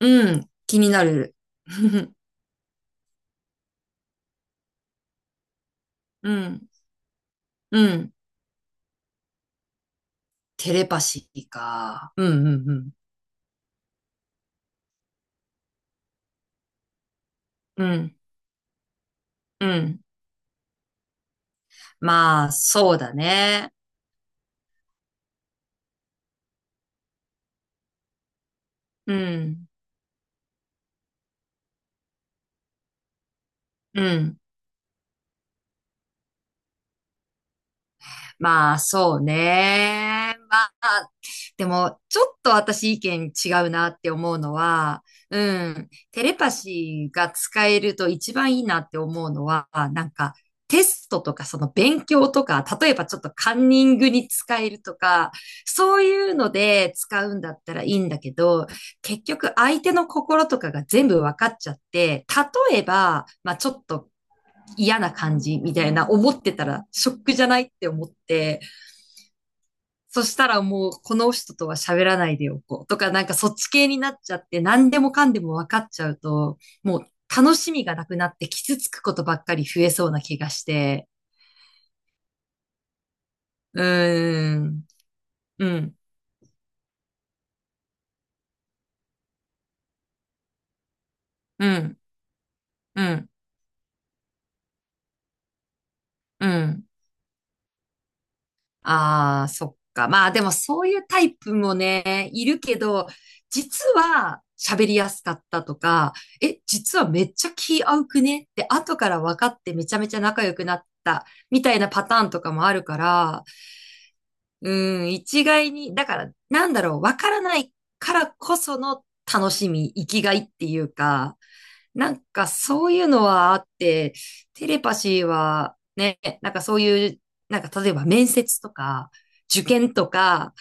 うん、気になる。うん、うん。テレパシーか。うん、うん、うん。うん、うん。まあ、そうだね。うん、うん。まあ、そうね。まあ、でも、ちょっと私意見違うなって思うのは、うん、テレパシーが使えると一番いいなって思うのは、なんか、テストとか、その勉強とか、例えばちょっとカンニングに使えるとか、そういうので使うんだったらいいんだけど、結局相手の心とかが全部分かっちゃって、例えば、まあちょっと嫌な感じみたいな思ってたらショックじゃないって思って、そしたらもうこの人とは喋らないでおこうとか、なんかそっち系になっちゃって何でもかんでも分かっちゃうと、もう楽しみがなくなって傷つくことばっかり増えそうな気がして、うーん、うん、うん、うん、うん。ああ、そっか。まあでもそういうタイプもね、いるけど、実は喋りやすかったとか、え、実はめっちゃ気合うくねって後から分かってめちゃめちゃ仲良くなったみたいなパターンとかもあるから、うん、一概に、だから、なんだろう、わからないからこその楽しみ、生きがいっていうか、なんかそういうのはあって、テレパシーはね、なんかそういう、なんか例えば面接とか、受験とか、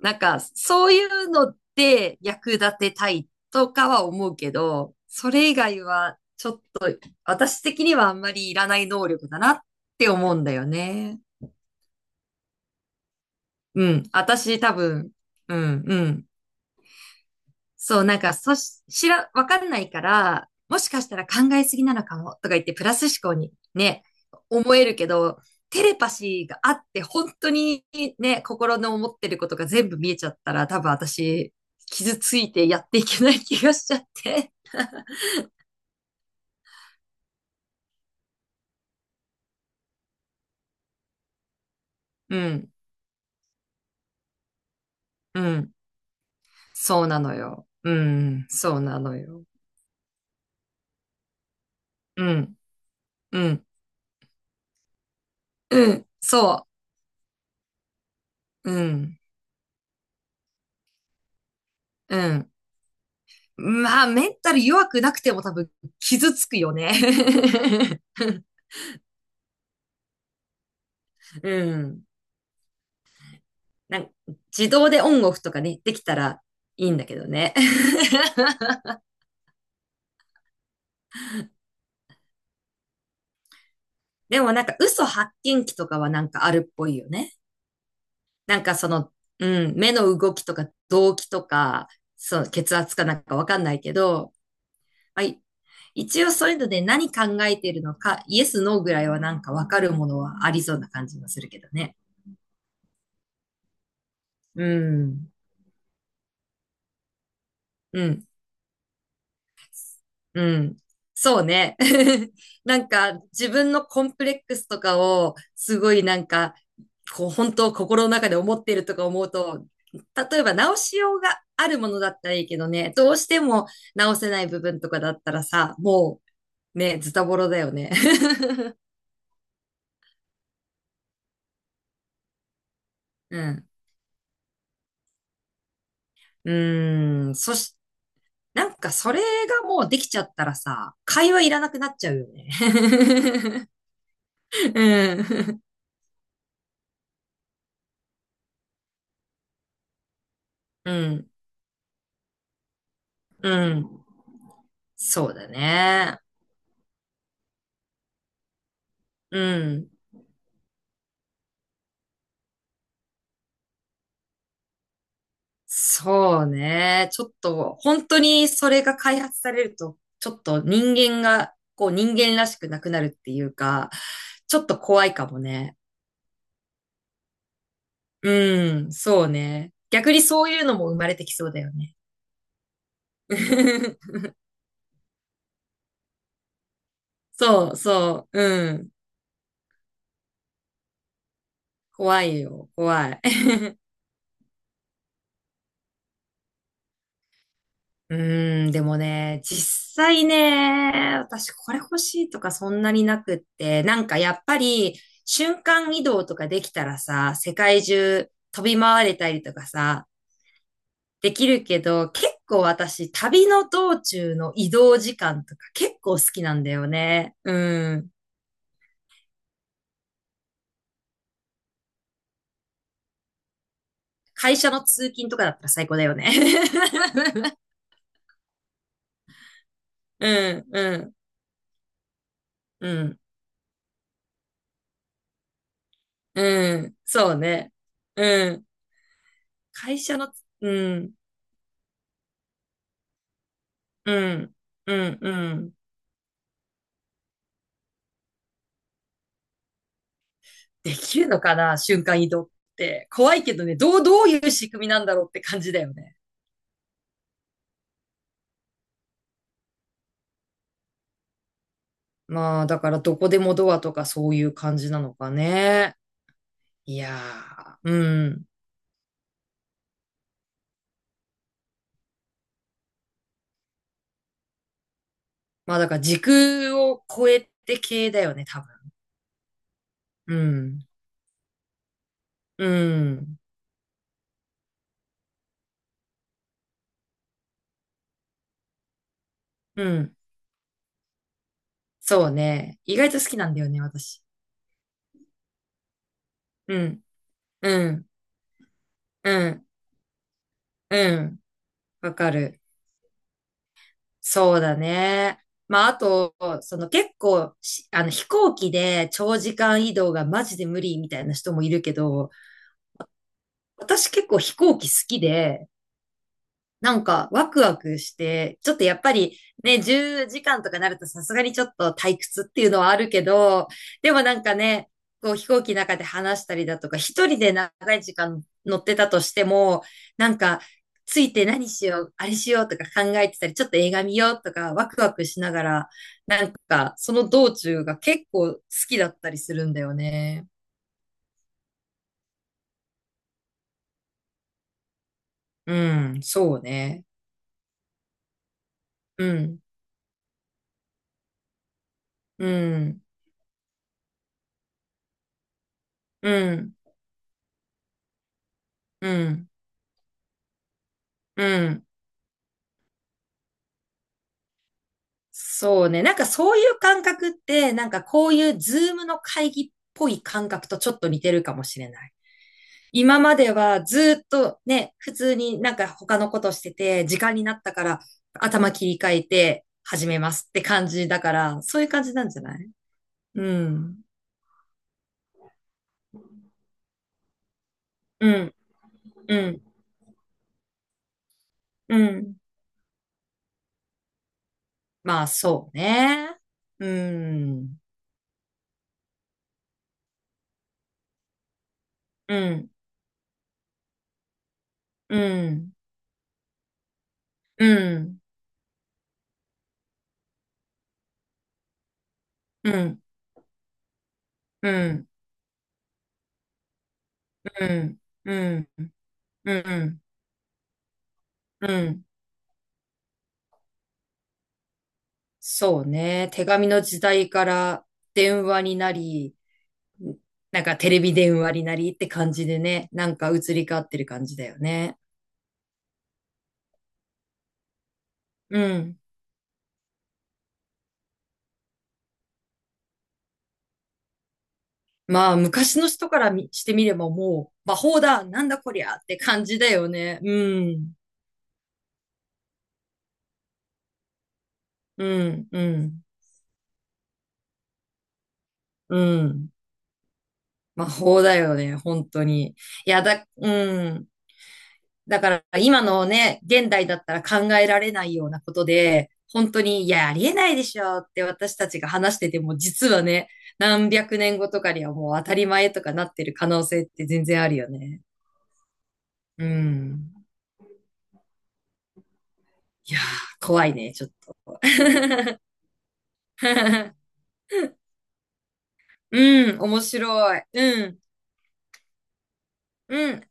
なんかそういうので役立てたいとかは思うけど、それ以外はちょっと私的にはあんまりいらない能力だなって思うんだよね。うん、私多分、うん、うん。そう、なんか、そし、知ら、わかんないから、もしかしたら考えすぎなのかもとか言って、プラス思考にね、思えるけど、テレパシーがあって、本当にね、心の思ってることが全部見えちゃったら、多分私、傷ついてやっていけない気がしちゃって。うん、うん、そうなのよ。うん、そうなのよ。うん、うん、うん、そう、うん、うん。まあ、メンタル弱くなくても多分傷つくよね。うん。なんか自動でオンオフとかね、できたらいいんだけどね。でもなんか嘘発見器とかはなんかあるっぽいよね。なんかその、うん、目の動きとか動機とか、そう、血圧かなんかわかんないけど、はい。一応そういうので何考えているのか、イエス、ノーぐらいはなんかわかるものはありそうな感じもするけどね。うん。うん。うん。そうね。なんか自分のコンプレックスとかをすごいなんかこう本当心の中で思っているとか思うと、例えば直しようがあるものだったらいいけどね、どうしても直せない部分とかだったらさ、もうね、ズタボロだよね。うん。うーん。なんかそれがもうできちゃったらさ、会話いらなくなっちゃうよね。うん。うん。うん。そうだね。うん。そうね。ちょっと、本当にそれが開発されると、ちょっと人間が、こう人間らしくなくなるっていうか、ちょっと怖いかもね。うん、そうね。逆にそういうのも生まれてきそうだよね。そうそう、うん。怖いよ、怖い。うーん、でもね、実際ね、私これ欲しいとかそんなになくって、なんかやっぱり瞬間移動とかできたらさ、世界中飛び回れたりとかさ、できるけど、結構私旅の道中の移動時間とか結構好きなんだよね。うん。会社の通勤とかだったら最高だよね。うん、うん、うん、うん、そうね。うん。会社の、うん。うん、うん、うん。できるのかな、瞬間移動って。怖いけどね、どういう仕組みなんだろうって感じだよね。まあ、だからどこでもドアとかそういう感じなのかね。いやー、うん。まあ、だから時空を超えて系だよね、多分。うん、うん、うん。そうね。意外と好きなんだよね、私。うん、うん、うん、うん。わかる。そうだね。まあ、あと、その結構し、あの飛行機で長時間移動がマジで無理みたいな人もいるけど、私結構飛行機好きで、なんか、ワクワクして、ちょっとやっぱりね、10時間とかなるとさすがにちょっと退屈っていうのはあるけど、でもなんかね、こう飛行機の中で話したりだとか、一人で長い時間乗ってたとしても、なんか、ついて何しよう、あれしようとか考えてたり、ちょっと映画見ようとか、ワクワクしながら、なんか、その道中が結構好きだったりするんだよね。うん、そうね。うん、うん、うん、うん、うん。そうね。なんかそういう感覚って、なんかこういうズームの会議っぽい感覚とちょっと似てるかもしれない。今まではずっとね、普通になんか他のことしてて、時間になったから頭切り替えて始めますって感じだから、そういう感じなんじゃない？うん。うん。うん。うん。まあそうね。うん。うん。うん。うん。うん。うん。うん。うん。うん。うん。うん。そうね。手紙の時代から電話になり、なんかテレビ電話になりって感じでね、なんか移り変わってる感じだよね。うん。まあ、昔の人からみしてみればもう、魔法だ、なんだこりゃって感じだよね。うん。うん、うん、うん。魔法だよね、本当に。いやだ、うん。だから今のね、現代だったら考えられないようなことで、本当に、いや、ありえないでしょって私たちが話してても、実はね、何百年後とかにはもう当たり前とかなってる可能性って全然あるよね。うん。いやー、怖いね、ちょっと。うん、面白い。うん、うん。